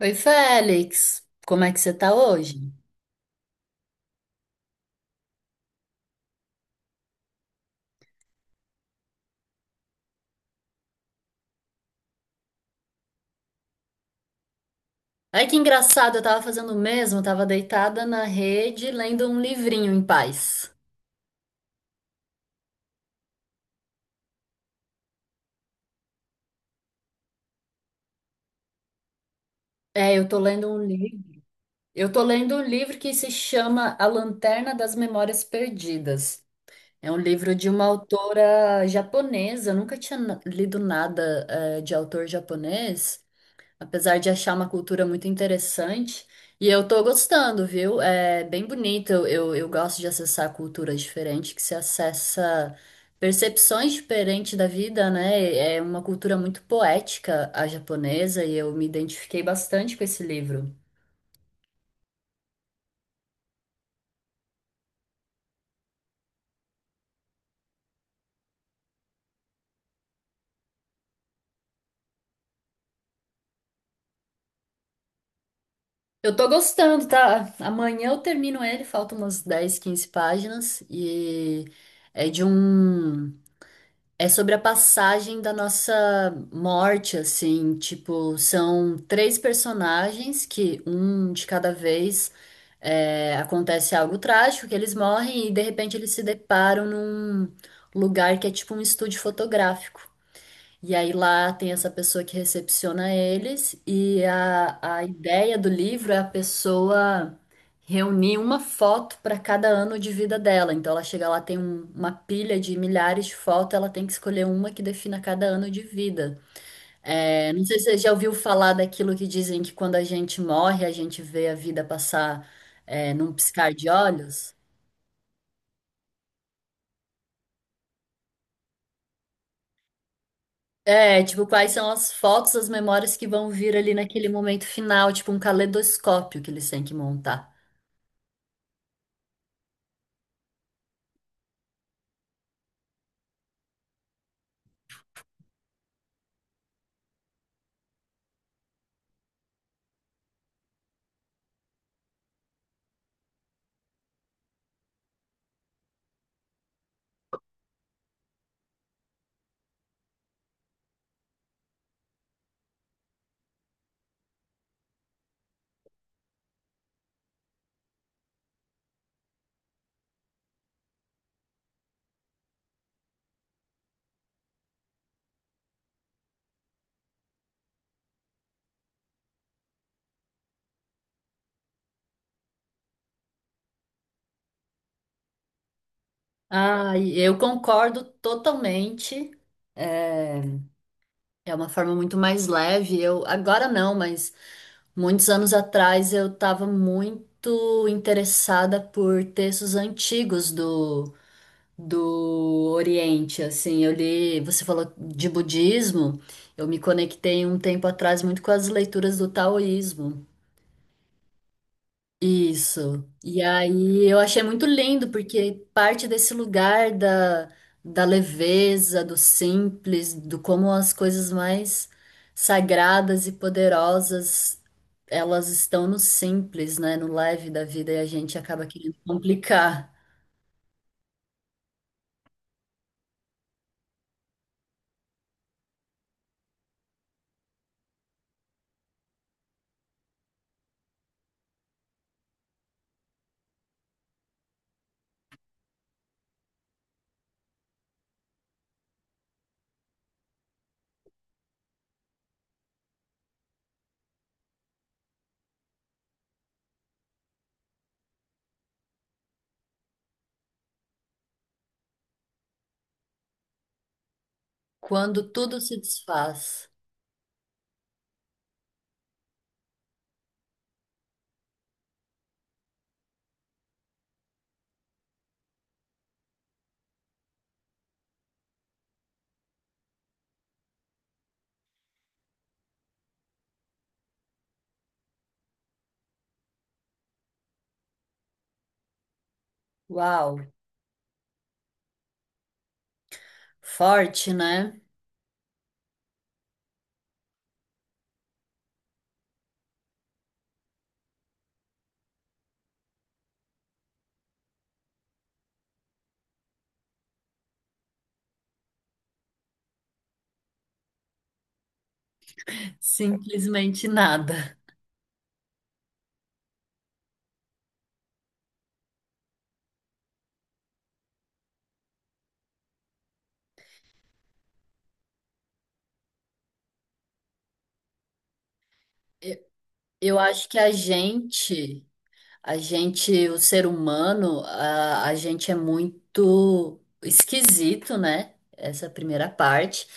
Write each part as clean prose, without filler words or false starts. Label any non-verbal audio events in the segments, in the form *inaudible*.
Oi, Félix. Como é que você tá hoje? Ai, que engraçado, eu tava fazendo o mesmo, eu tava deitada na rede lendo um livrinho em paz. É, eu tô lendo um livro. Eu tô lendo um livro que se chama A Lanterna das Memórias Perdidas. É um livro de uma autora japonesa, eu nunca tinha lido nada, de autor japonês. Apesar de achar uma cultura muito interessante. E eu tô gostando, viu? É bem bonito. Eu gosto de acessar culturas diferentes que se acessa percepções diferentes da vida, né? É uma cultura muito poética, a japonesa, e eu me identifiquei bastante com esse livro. Eu tô gostando, tá? Amanhã eu termino ele, faltam umas 10 15 páginas, e é de um. É sobre a passagem da nossa morte, assim, tipo, são três personagens que um de cada vez acontece algo trágico, que eles morrem e de repente eles se deparam num lugar que é tipo um estúdio fotográfico. E aí lá tem essa pessoa que recepciona eles, e a ideia do livro é a pessoa reunir uma foto para cada ano de vida dela. Então ela chega lá, tem uma pilha de milhares de fotos, ela tem que escolher uma que defina cada ano de vida. É, não sei se você já ouviu falar daquilo que dizem que quando a gente morre, a gente vê a vida passar, num piscar de olhos. É, tipo, quais são as fotos, as memórias que vão vir ali naquele momento final, tipo um caleidoscópio que eles têm que montar. Ah, e eu concordo totalmente. É, é uma forma muito mais leve. Eu agora não, mas muitos anos atrás eu estava muito interessada por textos antigos do Oriente, assim, eu li, você falou de budismo, eu me conectei um tempo atrás muito com as leituras do taoísmo. Isso. E aí eu achei muito lindo, porque parte desse lugar da leveza, do simples, do como as coisas mais sagradas e poderosas, elas estão no simples, né? No leve da vida, e a gente acaba querendo complicar. Quando tudo se desfaz. Uau! Forte, né? Simplesmente nada. Eu acho que a gente A gente, o ser humano, a gente é muito esquisito, né? Essa primeira parte.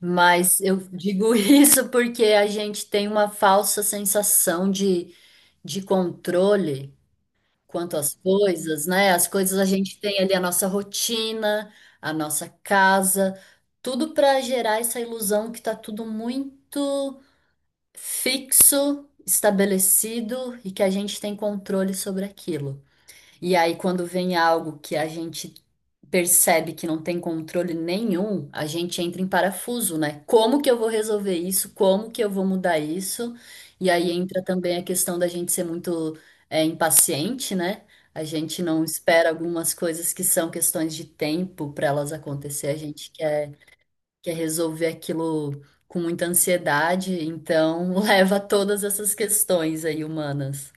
Mas eu digo *laughs* isso porque a gente tem uma falsa sensação de controle quanto às coisas, né? As coisas a gente tem ali a nossa rotina, a nossa casa, tudo para gerar essa ilusão que tá tudo muito fixo, estabelecido e que a gente tem controle sobre aquilo. E aí, quando vem algo que a gente percebe que não tem controle nenhum, a gente entra em parafuso, né? Como que eu vou resolver isso? Como que eu vou mudar isso? E aí entra também a questão da gente ser muito, impaciente, né? A gente não espera algumas coisas que são questões de tempo para elas acontecer. A gente quer, quer resolver aquilo com muita ansiedade, então *laughs* leva a todas essas questões aí humanas.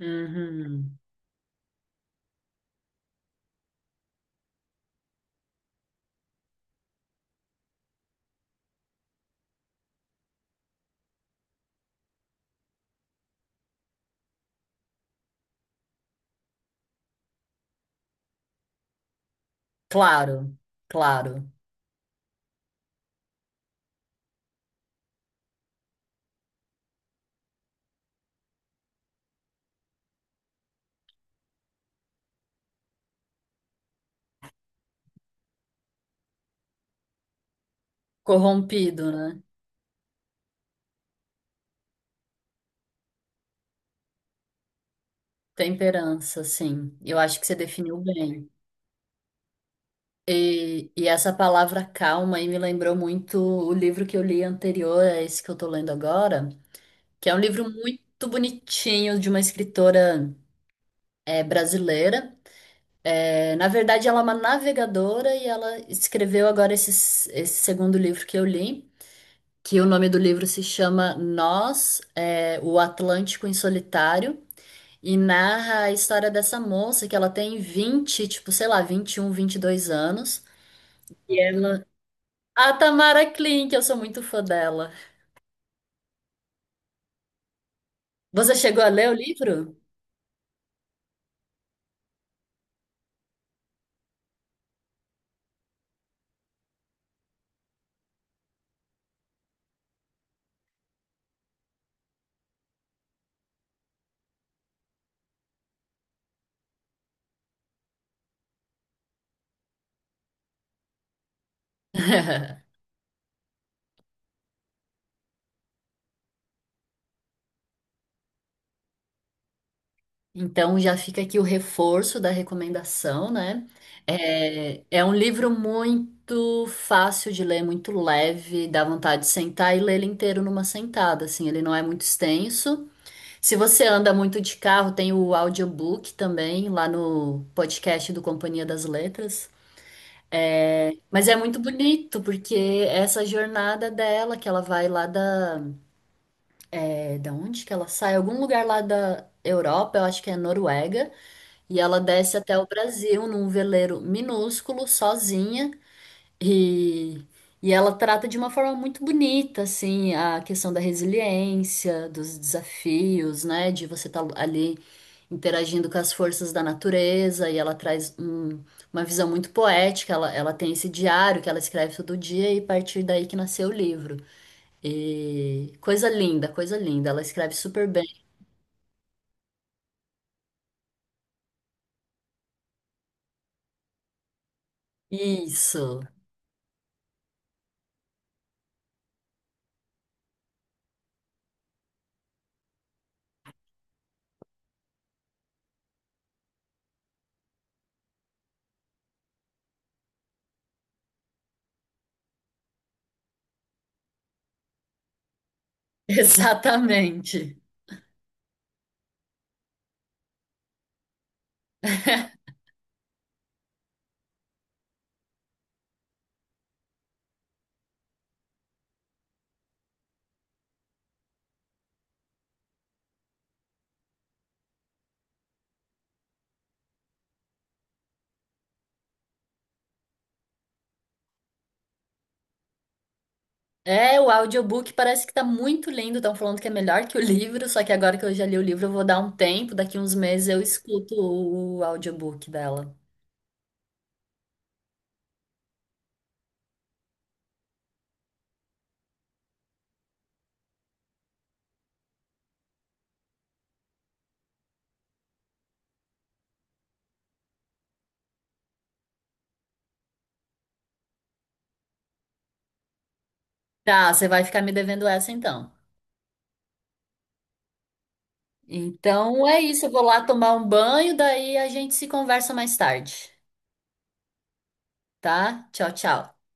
Uhum. Claro, claro. Corrompido, né? Temperança, sim. Eu acho que você definiu bem. E essa palavra calma aí me lembrou muito o livro que eu li anterior a esse que eu tô lendo agora, que é um livro muito bonitinho de uma escritora brasileira. É, na verdade, ela é uma navegadora e ela escreveu agora esse segundo livro que eu li, que o nome do livro se chama Nós, é, o Atlântico em Solitário. E narra a história dessa moça que ela tem 20 tipo, sei lá, um 21, dois anos. E ela. A Tamara Klink, eu sou muito fã dela. Você chegou a ler o livro? Então já fica aqui o reforço da recomendação, né? É, é um livro muito fácil de ler, muito leve, dá vontade de sentar e ler ele inteiro numa sentada, assim, ele não é muito extenso. Se você anda muito de carro, tem o audiobook também, lá no podcast do Companhia das Letras. Mas é muito bonito, porque essa jornada dela, que ela vai lá da. É, da onde que ela sai? Algum lugar lá da Europa, eu acho que é Noruega, e ela desce até o Brasil num veleiro minúsculo, sozinha. E, e ela trata de uma forma muito bonita, assim, a questão da resiliência, dos desafios, né? De você estar ali interagindo com as forças da natureza, e ela traz uma visão muito poética. Ela tem esse diário que ela escreve todo dia, e a partir daí que nasceu o livro. E coisa linda, coisa linda. Ela escreve super bem. Isso, *laughs* exatamente. É, o audiobook parece que tá muito lindo, estão falando que é melhor que o livro, só que agora que eu já li o livro, eu vou dar um tempo, daqui uns meses eu escuto o audiobook dela. Tá, você vai ficar me devendo essa então. Então é isso, eu vou lá tomar um banho, daí a gente se conversa mais tarde, tá? Tchau, tchau.